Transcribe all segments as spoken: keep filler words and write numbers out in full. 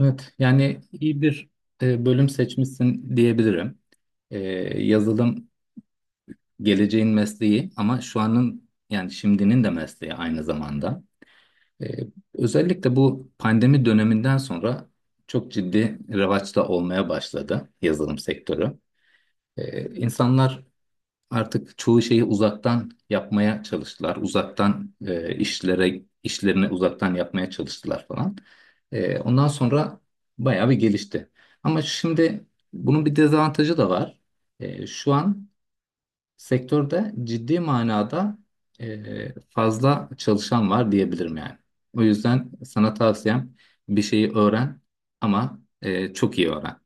Evet, yani iyi bir e, bölüm seçmişsin diyebilirim. E, Yazılım geleceğin mesleği ama şu anın yani şimdinin de mesleği aynı zamanda. E, Özellikle bu pandemi döneminden sonra çok ciddi revaçta olmaya başladı yazılım sektörü. E, insanlar artık çoğu şeyi uzaktan yapmaya çalıştılar. Uzaktan e, işlere işlerini uzaktan yapmaya çalıştılar falan. E, ondan sonra bayağı bir gelişti. Ama şimdi bunun bir dezavantajı da var. E, şu an sektörde ciddi manada e, fazla çalışan var diyebilirim yani. O yüzden sana tavsiyem bir şeyi öğren ama e, çok iyi öğren.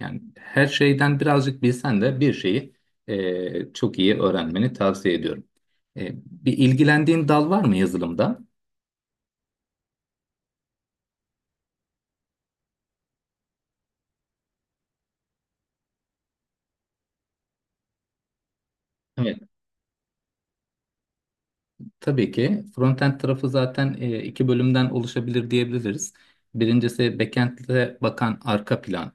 Yani her şeyden birazcık bilsen de bir şeyi e, çok iyi öğrenmeni tavsiye ediyorum. E, bir ilgilendiğin dal var mı yazılımda? Evet. Tabii ki frontend tarafı zaten e, iki bölümden oluşabilir diyebiliriz. Birincisi backend'e bakan arka plan.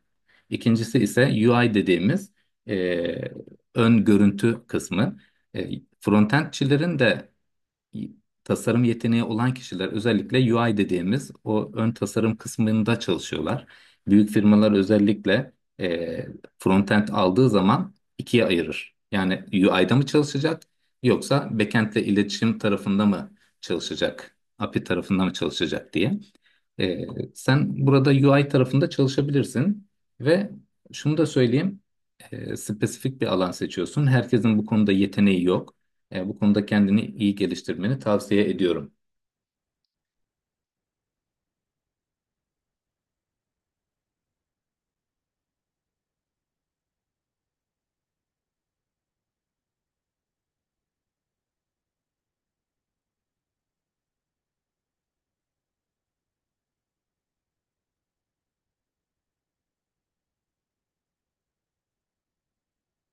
İkincisi ise U I dediğimiz e, ön görüntü kısmı. E, Frontendçilerin de tasarım yeteneği olan kişiler özellikle U I dediğimiz o ön tasarım kısmında çalışıyorlar. Büyük firmalar özellikle e, frontend aldığı zaman ikiye ayırır. Yani U I'da mı çalışacak yoksa backend'le iletişim tarafında mı çalışacak, A P I tarafında mı çalışacak diye. E, Sen burada U I tarafında çalışabilirsin ve şunu da söyleyeyim, e, spesifik bir alan seçiyorsun. Herkesin bu konuda yeteneği yok. E, bu konuda kendini iyi geliştirmeni tavsiye ediyorum.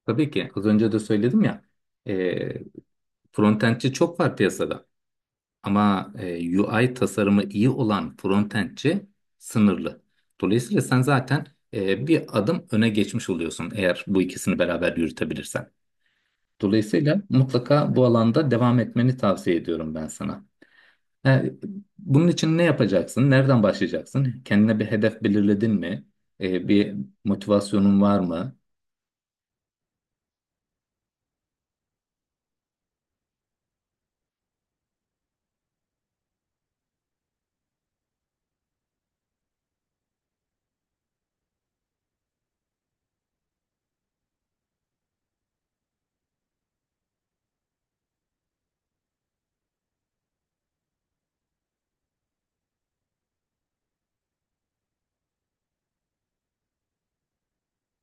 Tabii ki az önce de söyledim ya, e, frontendçi çok var piyasada ama e, U I tasarımı iyi olan frontendçi sınırlı. Dolayısıyla sen zaten e, bir adım öne geçmiş oluyorsun eğer bu ikisini beraber yürütebilirsen. Dolayısıyla mutlaka bu alanda devam etmeni tavsiye ediyorum ben sana. E, Bunun için ne yapacaksın? Nereden başlayacaksın? Kendine bir hedef belirledin mi? E, bir motivasyonun var mı?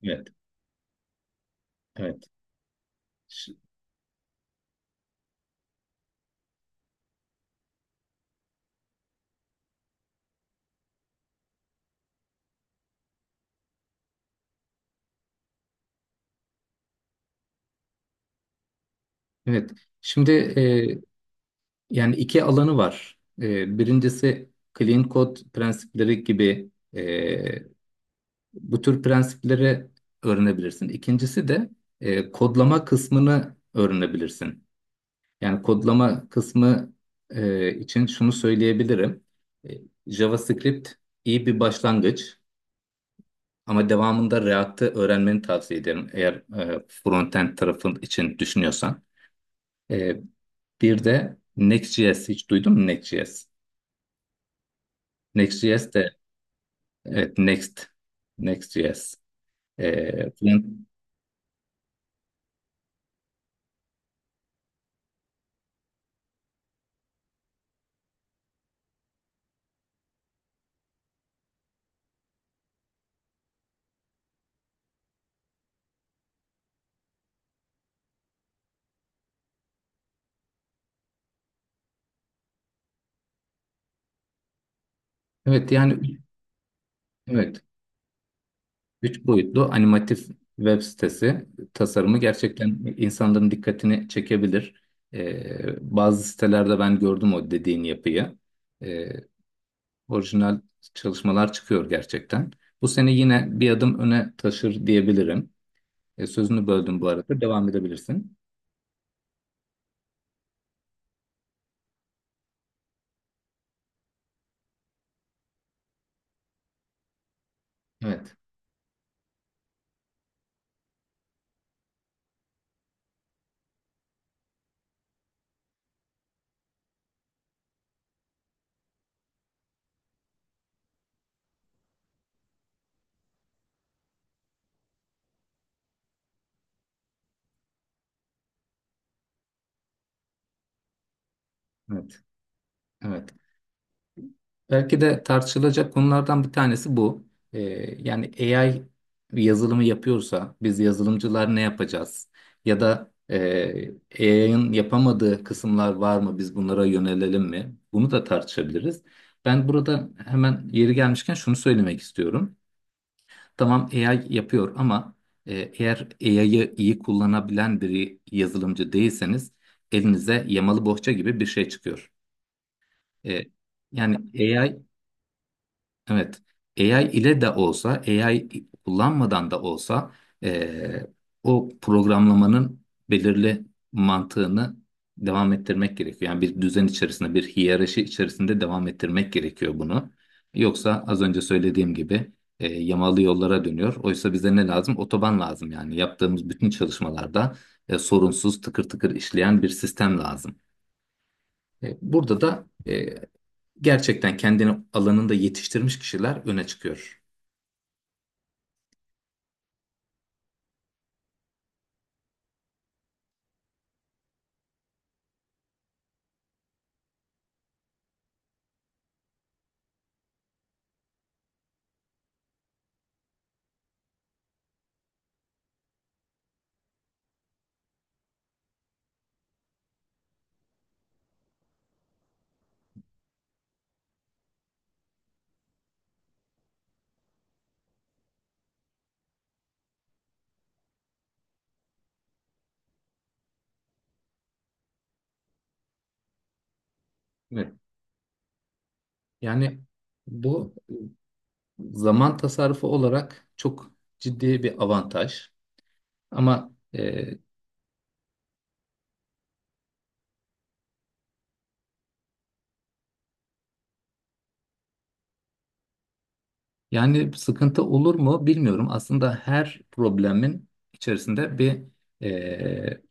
Evet, evet. Ş- Evet. Şimdi e, yani iki alanı var. E, birincisi clean code prensipleri gibi, e, bu tür prensipleri öğrenebilirsin. İkincisi de e, kodlama kısmını öğrenebilirsin. Yani kodlama kısmı e, için şunu söyleyebilirim. E, JavaScript iyi bir başlangıç ama devamında React'ı öğrenmeni tavsiye ederim eğer e, frontend tarafın için düşünüyorsan. E, Bir de Next.js hiç duydun mu, Next.js? Next.js de, evet, Next, Next.js. Ee, fren- evet yani, evet, üç boyutlu animatif web sitesi tasarımı gerçekten insanların dikkatini çekebilir. Ee, bazı sitelerde ben gördüm o dediğin yapıyı. Ee, Orijinal çalışmalar çıkıyor gerçekten. Bu seni yine bir adım öne taşır diyebilirim. Ee, sözünü böldüm bu arada. Devam edebilirsin. Evet. Evet. Evet. Belki de tartışılacak konulardan bir tanesi bu. Ee, Yani A I bir yazılımı yapıyorsa biz yazılımcılar ne yapacağız? Ya da A I'ın yapamadığı kısımlar var mı? Biz bunlara yönelelim mi? Bunu da tartışabiliriz. Ben burada hemen yeri gelmişken şunu söylemek istiyorum. Tamam, A I yapıyor ama e, eğer A I'yı iyi kullanabilen bir yazılımcı değilseniz elinize yamalı bohça gibi bir şey çıkıyor. E, yani A I Evet. A I ile de olsa, A I kullanmadan da olsa eee, o programlamanın belirli mantığını devam ettirmek gerekiyor. Yani bir düzen içerisinde, bir hiyerarşi içerisinde devam ettirmek gerekiyor bunu. Yoksa az önce söylediğim gibi, eee, yamalı yollara dönüyor. Oysa bize ne lazım? Otoban lazım yani. Yaptığımız bütün çalışmalarda e, sorunsuz, tıkır tıkır işleyen bir sistem lazım. E, burada da e, gerçekten kendini alanında yetiştirmiş kişiler öne çıkıyor. Evet. Yani bu zaman tasarrufu olarak çok ciddi bir avantaj. Ama e, yani sıkıntı olur mu bilmiyorum. Aslında her problemin içerisinde bir e,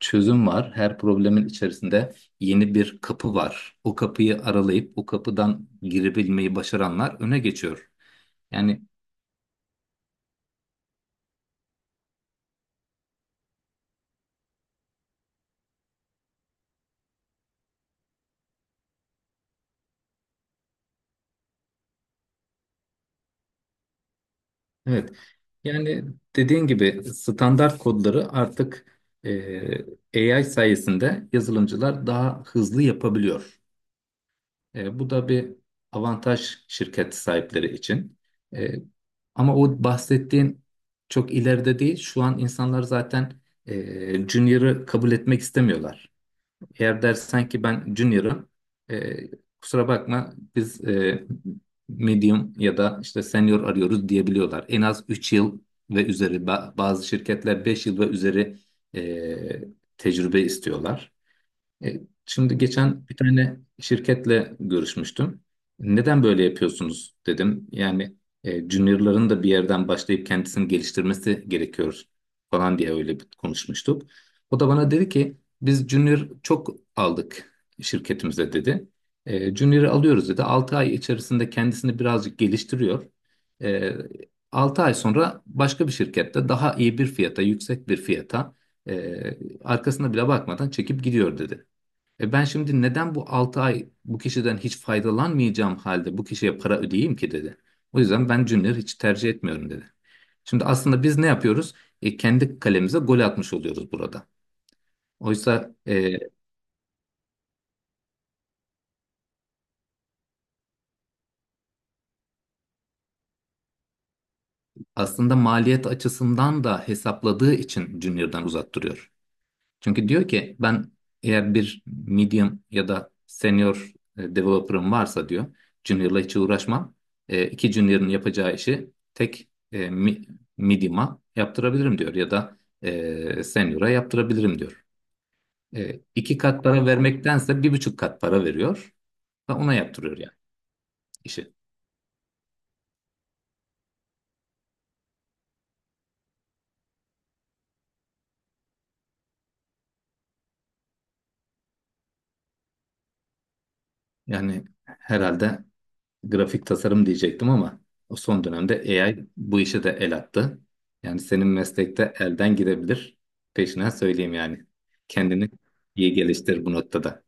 çözüm var. Her problemin içerisinde yeni bir kapı var. O kapıyı aralayıp o kapıdan girebilmeyi başaranlar öne geçiyor. Yani, evet. Yani dediğin gibi standart kodları artık e, A I sayesinde yazılımcılar daha hızlı yapabiliyor. E, bu da bir avantaj şirket sahipleri için. E, Ama o bahsettiğin çok ileride değil. Şu an insanlar zaten e, Junior'ı kabul etmek istemiyorlar. Eğer dersen ki ben junior'ım, e, kusura bakma, biz e, medium ya da işte senior arıyoruz diyebiliyorlar. En az üç yıl ve üzeri, ba- bazı şirketler beş yıl ve üzeri e, tecrübe istiyorlar. E, Şimdi geçen bir tane şirketle görüşmüştüm. Neden böyle yapıyorsunuz dedim. Yani e, juniorların da bir yerden başlayıp kendisini geliştirmesi gerekiyor falan diye öyle bir konuşmuştuk. O da bana dedi ki biz junior çok aldık şirketimize, dedi. E, junior'ı alıyoruz dedi. Altı ay içerisinde kendisini birazcık geliştiriyor. E, altı ay sonra başka bir şirkette daha iyi bir fiyata, yüksek bir fiyata e, arkasına bile bakmadan çekip gidiyor dedi. E ben şimdi neden bu altı ay bu kişiden hiç faydalanmayacağım halde bu kişiye para ödeyeyim ki dedi. O yüzden ben Junior'ı hiç tercih etmiyorum dedi. Şimdi aslında biz ne yapıyoruz? E, kendi kalemize gol atmış oluyoruz burada. Oysa e, aslında maliyet açısından da hesapladığı için Junior'dan uzak duruyor. Çünkü diyor ki ben eğer bir medium ya da senior e, developer'ım varsa diyor, junior'la hiç uğraşmam. E, iki junior'ın yapacağı işi tek e, mi- medium'a yaptırabilirim diyor ya da e, senior'a yaptırabilirim diyor. E, iki kat para vermektense bir buçuk kat para veriyor ve ona yaptırıyor yani işi. Yani herhalde grafik tasarım diyecektim ama o son dönemde A I bu işe de el attı. Yani senin meslekte elden gidebilir. Peşine söyleyeyim yani. Kendini iyi geliştir bu noktada.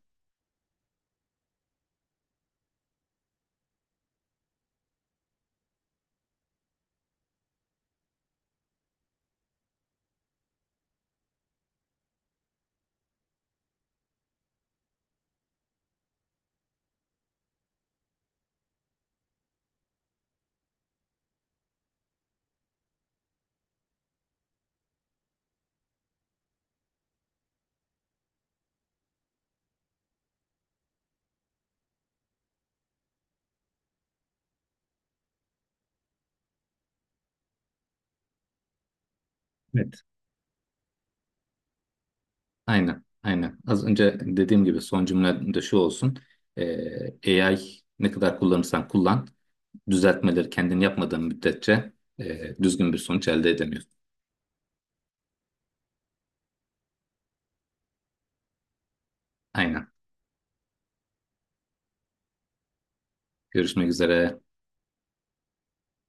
Evet. Aynen, aynen. Az önce dediğim gibi son cümle de şu olsun. Ee, A I ne kadar kullanırsan kullan, düzeltmeleri kendin yapmadığın müddetçe e, düzgün bir sonuç elde edemiyorsun. Aynen. Görüşmek üzere.